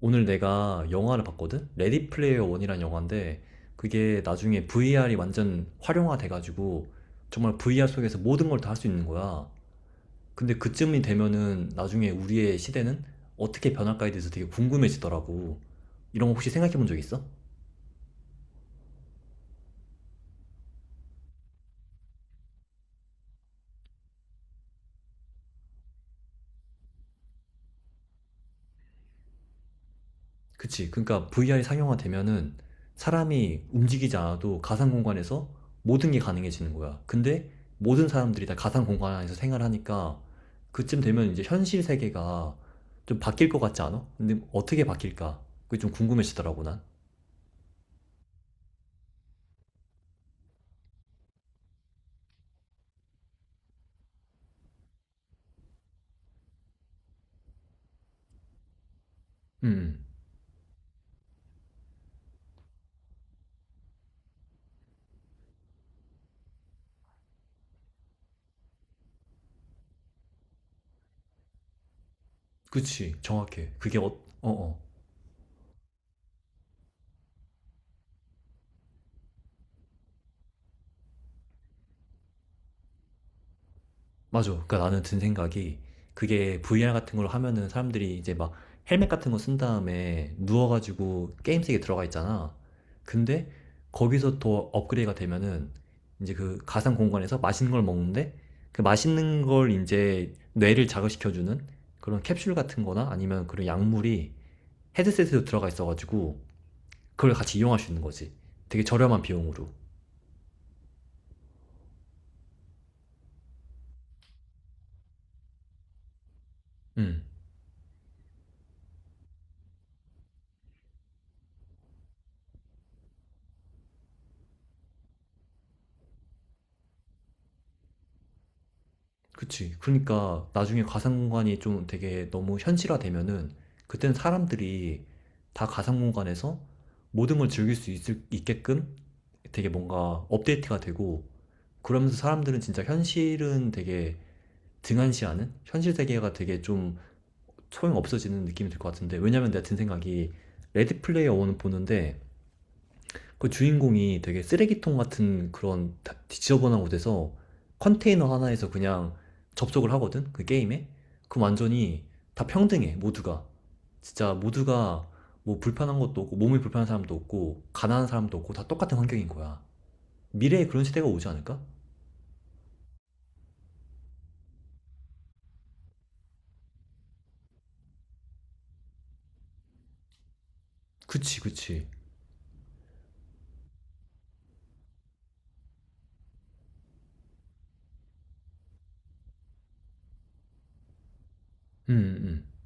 오늘 내가 영화를 봤거든? 레디 플레이어 원이라는 영화인데 그게 나중에 VR이 완전 활용화돼가지고 정말 VR 속에서 모든 걸 다 할 수 있는 거야. 근데 그쯤이 되면은 나중에 우리의 시대는 어떻게 변할까에 대해서 되게 궁금해지더라고. 이런 거 혹시 생각해 본 적 있어? 그치. 그러니까 VR이 상용화되면은 사람이 움직이지 않아도 가상 공간에서 모든 게 가능해지는 거야. 근데 모든 사람들이 다 가상 공간 안에서 생활하니까 그쯤 되면 이제 현실 세계가 좀 바뀔 것 같지 않아? 근데 어떻게 바뀔까? 그게 좀 궁금해지더라고, 난. 음, 음. 그치. 정확해. 그게 어, 어, 어. 맞아. 그러니까 나는 든 생각이 그게 VR 같은 걸로 하면은 사람들이 이제 막 헬멧 같은 거 쓴 다음에 누워가지고 게임 세계 들어가 있잖아. 근데 거기서 더 업그레이드가 되면은 이제 그 가상 공간에서 맛있는 걸 먹는데 그 맛있는 걸 이제 뇌를 자극시켜주는 그런 캡슐 같은 거나 아니면 그런 약물이 헤드셋에도 들어가 있어가지고 그걸 같이 이용할 수 있는 거지. 되게 저렴한 비용으로. 음. 그치. 그러니까 나중에 가상공간이 좀 되게 너무 현실화되면은 그때는 사람들이 다 가상공간에서 모든 걸 즐길 수 있을, 있게끔 되게 뭔가 업데이트가 되고 그러면서 사람들은 진짜 현실은 되게 등한시하는 현실 세계가 되게 좀 소용없어지는 느낌이 들 것 같은데 왜냐면 내가 든 생각이 레드 플레이어 원은 보는데 그 주인공이 되게 쓰레기통 같은 그런 지저분한 곳에서 컨테이너 하나에서 그냥 접속을 하거든? 그 게임에? 그럼 완전히 다 평등해, 모두가. 진짜 모두가 뭐 불편한 것도 없고, 몸이 불편한 사람도 없고, 가난한 사람도 없고, 다 똑같은 환경인 거야. 미래에 그런 시대가 오지 않을까? 그치, 그치. 음.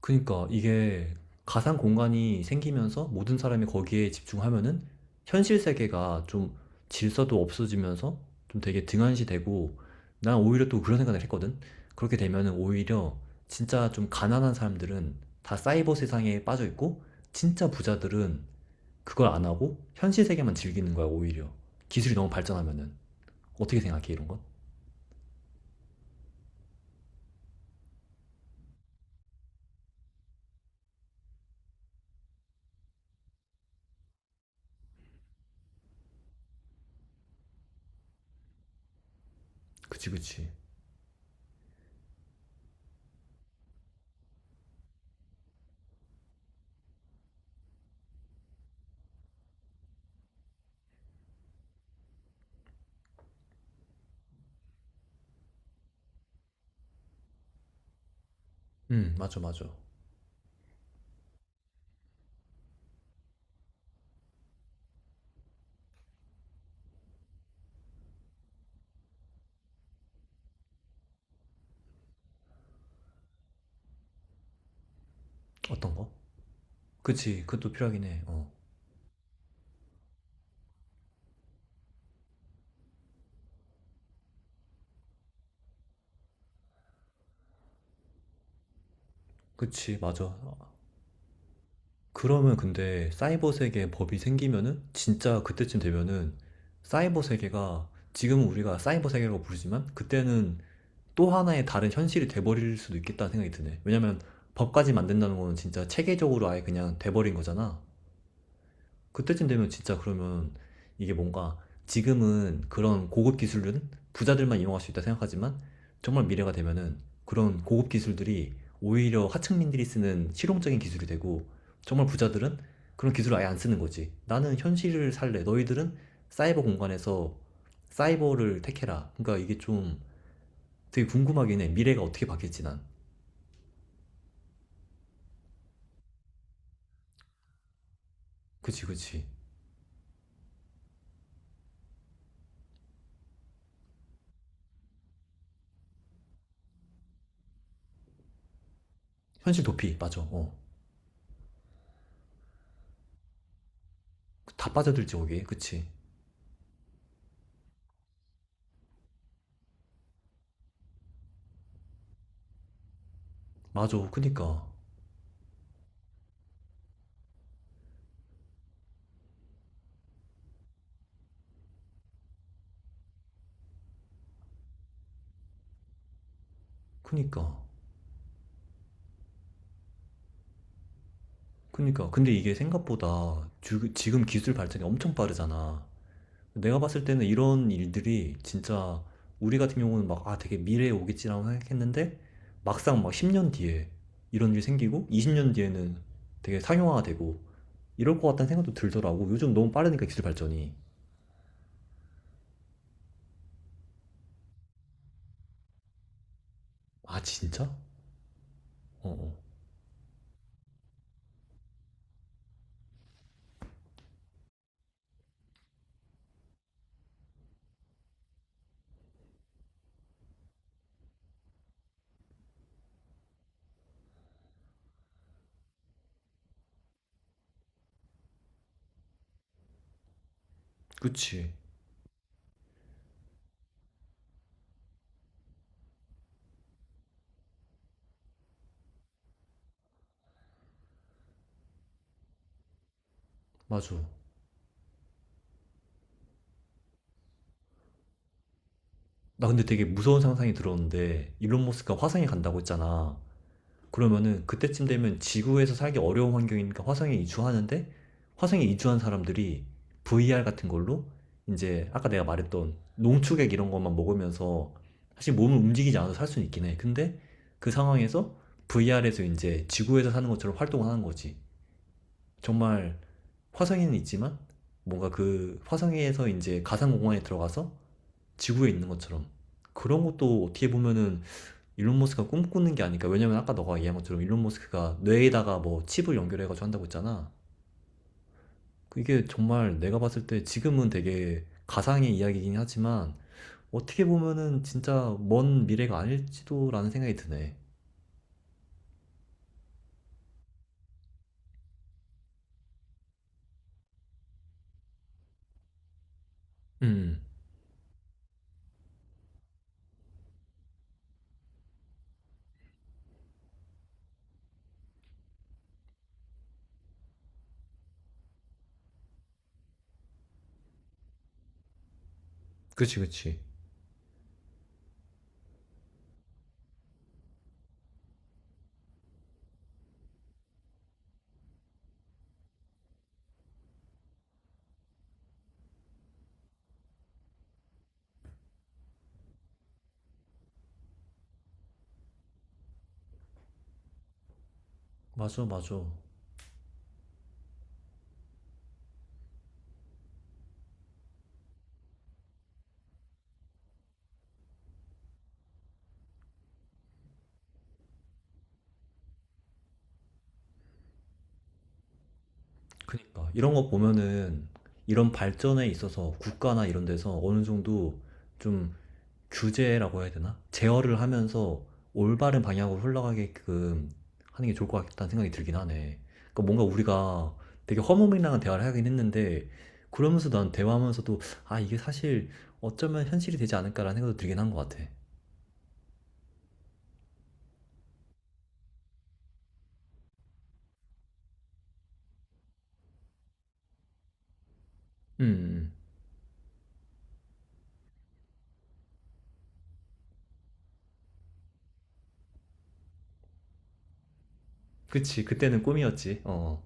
그니까 이게 가상 공간이 생기면서 모든 사람이 거기에 집중하면은 현실 세계가 좀 질서도 없어지면서 좀 되게 등한시되고 난 오히려 또 그런 생각을 했거든. 그렇게 되면은 오히려 진짜 좀 가난한 사람들은 다 사이버 세상에 빠져 있고 진짜 부자들은 그걸 안 하고 현실 세계만 즐기는 거야, 오히려. 기술이 너무 발전하면은. 어떻게 생각해, 이런 건? 그치, 그치. 응, 맞아, 맞아. 어떤 거? 그치, 그것도 필요하긴 해. 어. 그치, 맞아. 그러면 근데 사이버 세계에 법이 생기면은 진짜 그때쯤 되면은 사이버 세계가 지금은 우리가 사이버 세계라고 부르지만 그때는 또 하나의 다른 현실이 돼버릴 수도 있겠다는 생각이 드네. 왜냐면 법까지 만든다는 거는 진짜 체계적으로 아예 그냥 돼버린 거잖아. 그때쯤 되면 진짜 그러면 이게 뭔가 지금은 그런 고급 기술은 부자들만 이용할 수 있다 생각하지만 정말 미래가 되면은 그런 고급 기술들이 오히려 하층민들이 쓰는 실용적인 기술이 되고 정말 부자들은 그런 기술을 아예 안 쓰는 거지. 나는 현실을 살래. 너희들은 사이버 공간에서 사이버를 택해라. 그러니까 이게 좀 되게 궁금하긴 해. 미래가 어떻게 바뀔지 난. 그치, 그치. 현실 도피, 맞아. 어. 다 빠져들지, 거기에. 그치. 맞아. 그니까. 그니까. 그니까. 근데 이게 생각보다 지금 기술 발전이 엄청 빠르잖아. 내가 봤을 때는 이런 일들이 진짜 우리 같은 경우는 막, 아, 되게 미래에 오겠지라고 생각했는데 막상 막 10년 뒤에 이런 일이 생기고 20년 뒤에는 되게 상용화가 되고 이럴 것 같다는 생각도 들더라고. 요즘 너무 빠르니까 기술 발전이. 아, 진짜? 어, 어. 그치. 맞아. 나 근데 되게 무서운 상상이 들었는데 일론 머스크가 화성에 간다고 했잖아. 그러면은 그때쯤 되면 지구에서 살기 어려운 환경이니까 화성에 이주하는데 화성에 이주한 사람들이 VR 같은 걸로 이제 아까 내가 말했던 농축액 이런 것만 먹으면서 사실 몸을 움직이지 않아도 살 수는 있긴 해. 근데 그 상황에서 VR에서 이제 지구에서 사는 것처럼 활동을 하는 거지. 정말 화성에는 있지만 뭔가 그 화성에서 이제 가상 공간에 들어가서 지구에 있는 것처럼 그런 것도 어떻게 보면은 일론 머스크가 꿈꾸는 게 아닐까. 왜냐면 아까 너가 얘기한 것처럼 일론 머스크가 뇌에다가 뭐 칩을 연결해가지고 한다고 했잖아. 그게 정말 내가 봤을 때 지금은 되게 가상의 이야기이긴 하지만 어떻게 보면은 진짜 먼 미래가 아닐지도라는 생각이 드네. 음, 그치, 그치. 맞아, 맞아. 그니까. 이런 거 보면은 이런 발전에 있어서 국가나 이런 데서 어느 정도 좀 규제라고 해야 되나? 제어를 하면서 올바른 방향으로 흘러가게끔 하는 게 좋을 것 같다는 생각이 들긴 하네. 그러니까 뭔가 우리가 되게 허무맹랑한 대화를 하긴 했는데 그러면서 난 대화하면서도 아 이게 사실 어쩌면 현실이 되지 않을까라는 생각도 들긴 한 것 같아. 음. 그치. 그때는 꿈이었지. 어,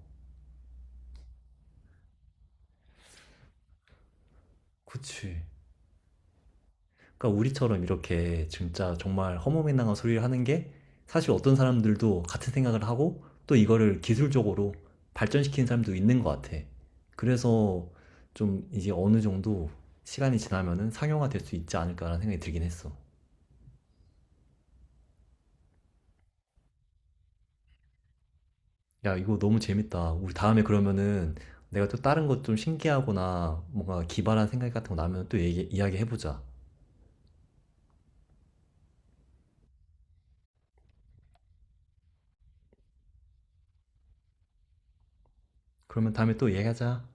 그치. 그러니까 우리처럼 이렇게 진짜 정말 허무맹랑한 소리를 하는 게 사실 어떤 사람들도 같은 생각을 하고 또 이거를 기술적으로 발전시키는 사람도 있는 것 같아. 그래서 좀 이제 어느 정도 시간이 지나면은 상용화 될 수 있지 않을까라는 생각이 들긴 했어. 야, 이거 너무 재밌다. 우리 다음에 그러면은 내가 또 다른 것 좀 신기하거나 뭔가 기발한 생각 같은 거 나면 또 이야기해보자. 그러면 다음에 또 얘기하자.